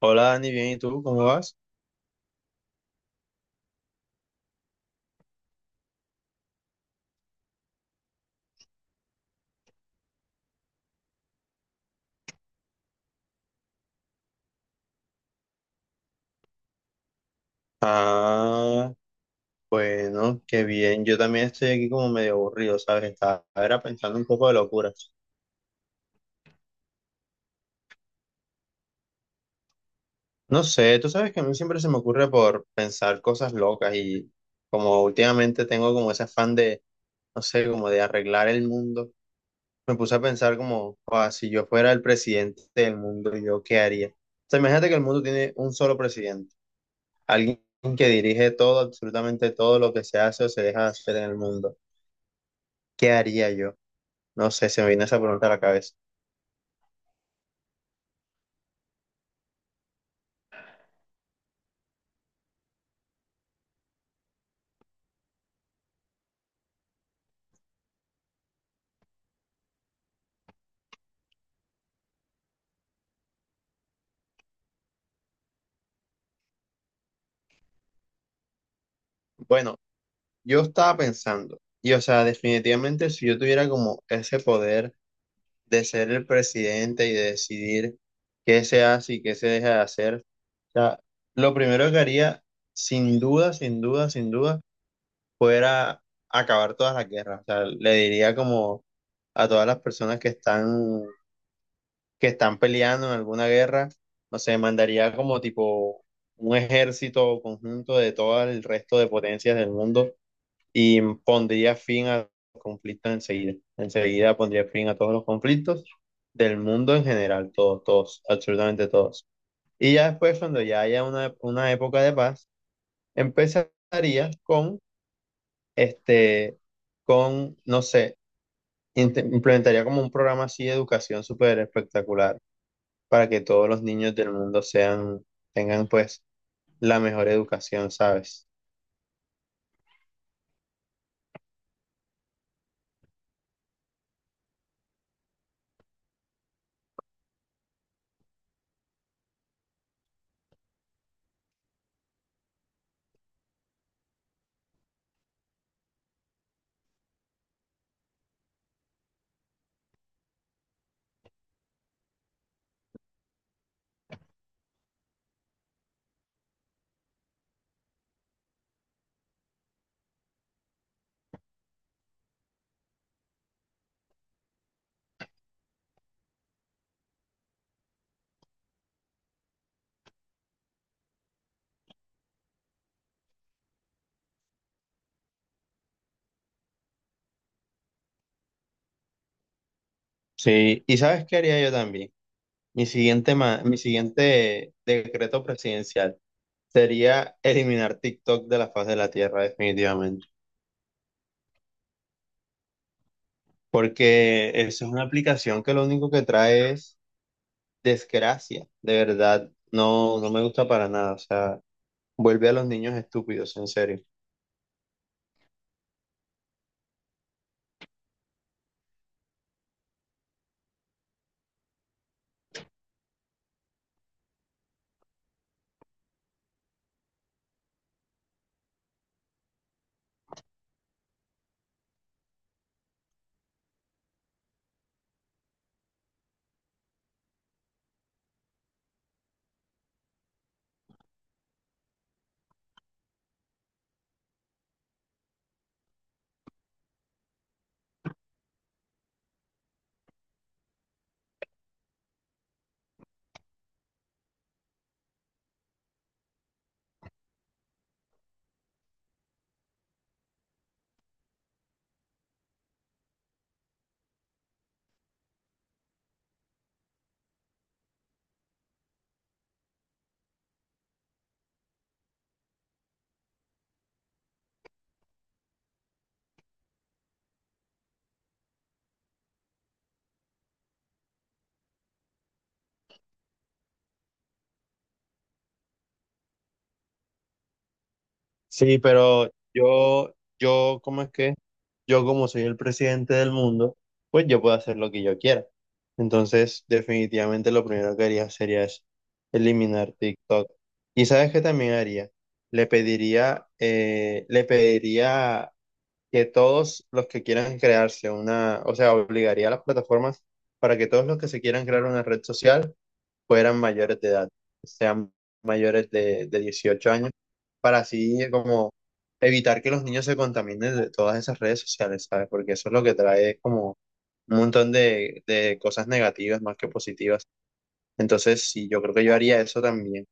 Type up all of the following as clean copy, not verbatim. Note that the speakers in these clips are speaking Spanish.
Hola Dani, bien, ¿y tú cómo vas? Ah, bueno, qué bien. Yo también estoy aquí como medio aburrido, ¿sabes? Estaba era pensando un poco de locuras. No sé, tú sabes que a mí siempre se me ocurre por pensar cosas locas y como últimamente tengo como ese afán de, no sé, como de arreglar el mundo, me puse a pensar como, "Joda, si yo fuera el presidente del mundo, ¿yo qué haría? O sea, imagínate que el mundo tiene un solo presidente, alguien que dirige todo, absolutamente todo lo que se hace o se deja de hacer en el mundo. ¿Qué haría yo? No sé, se me viene esa pregunta a la cabeza. Bueno, yo estaba pensando, y o sea, definitivamente si yo tuviera como ese poder de ser el presidente y de decidir qué se hace y qué se deja de hacer, o sea, lo primero que haría, sin duda, sin duda, sin duda, fuera acabar todas las guerras. O sea, le diría como a todas las personas que están peleando en alguna guerra, no sé, mandaría como tipo un ejército conjunto de todo el resto de potencias del mundo y pondría fin a los conflictos enseguida. Enseguida pondría fin a todos los conflictos del mundo en general, todos, todos, absolutamente todos. Y ya después, cuando ya haya una época de paz, empezaría este, con no sé, implementaría como un programa así de educación súper espectacular para que todos los niños del mundo sean, tengan pues la mejor educación, ¿sabes? Sí, y ¿sabes qué haría yo también? Mi siguiente decreto presidencial sería eliminar TikTok de la faz de la Tierra, definitivamente, porque eso es una aplicación que lo único que trae es desgracia, de verdad, no, no me gusta para nada, o sea, vuelve a los niños estúpidos, en serio. Sí, pero yo, ¿cómo es que? Yo como soy el presidente del mundo, pues yo puedo hacer lo que yo quiera. Entonces, definitivamente lo primero que haría sería es eliminar TikTok. ¿Y sabes qué también haría? Le pediría que todos los que quieran crearse una, o sea, obligaría a las plataformas para que todos los que se quieran crear una red social fueran mayores de edad, sean mayores de 18 años, para así como evitar que los niños se contaminen de todas esas redes sociales, ¿sabes? Porque eso es lo que trae como un montón de cosas negativas más que positivas. Entonces, sí, yo creo que yo haría eso también.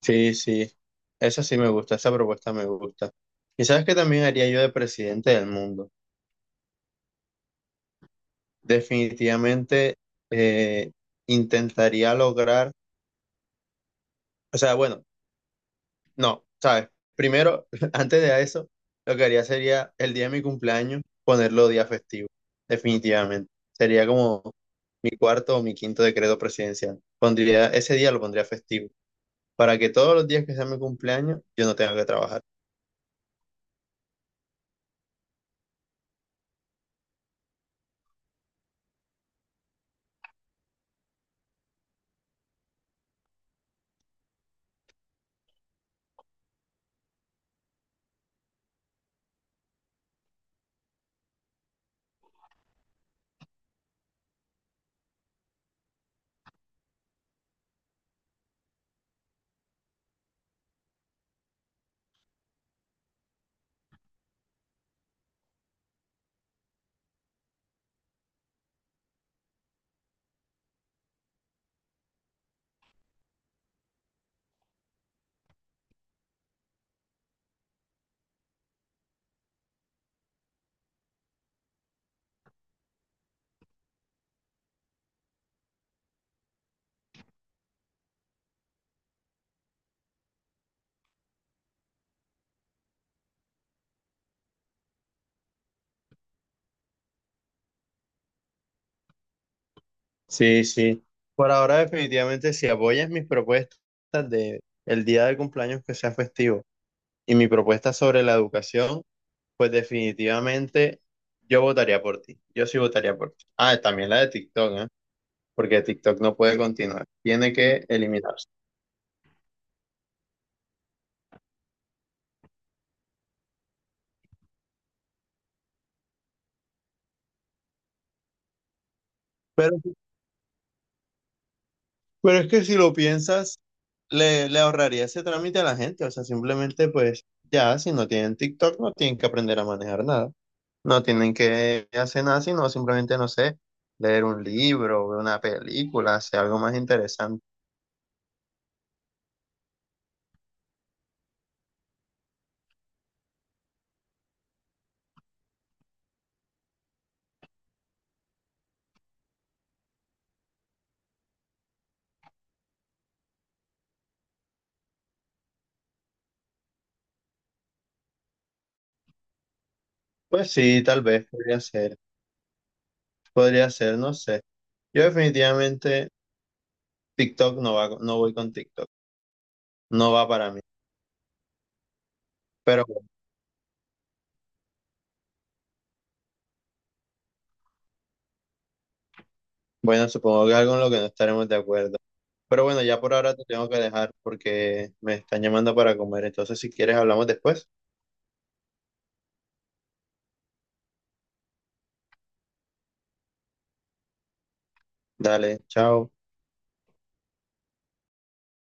Sí, sí, esa sí me gusta, esa propuesta me gusta. ¿Y sabes qué también haría yo de presidente del mundo? Definitivamente eh, intentaría lograr, o sea, bueno, no, ¿sabes? Primero, antes de eso, lo que haría sería el día de mi cumpleaños ponerlo día festivo, definitivamente. Sería como mi cuarto o mi quinto decreto presidencial. Pondría, ese día lo pondría festivo, para que todos los días que sea mi cumpleaños yo no tenga que trabajar. Sí, sí. Por ahora, definitivamente, si apoyas mis propuestas de el día de cumpleaños que sea festivo y mi propuesta sobre la educación, pues definitivamente yo votaría por ti. Yo sí votaría por ti. Ah, también la de TikTok, ¿eh? Porque TikTok no puede continuar, tiene que eliminarse. Pero, pero es que si lo piensas, le ahorraría ese trámite a la gente, o sea, simplemente pues ya, si no tienen TikTok, no tienen que aprender a manejar nada, no tienen que hacer nada, sino simplemente, no sé, leer un libro, ver una película, hacer algo más interesante. Pues sí, tal vez podría ser, no sé. Yo definitivamente TikTok no va, no voy con TikTok, no va para mí, pero bueno, supongo que algo en lo que no estaremos de acuerdo. Pero bueno, ya por ahora te tengo que dejar porque me están llamando para comer. Entonces, si quieres, hablamos después. Dale, chao.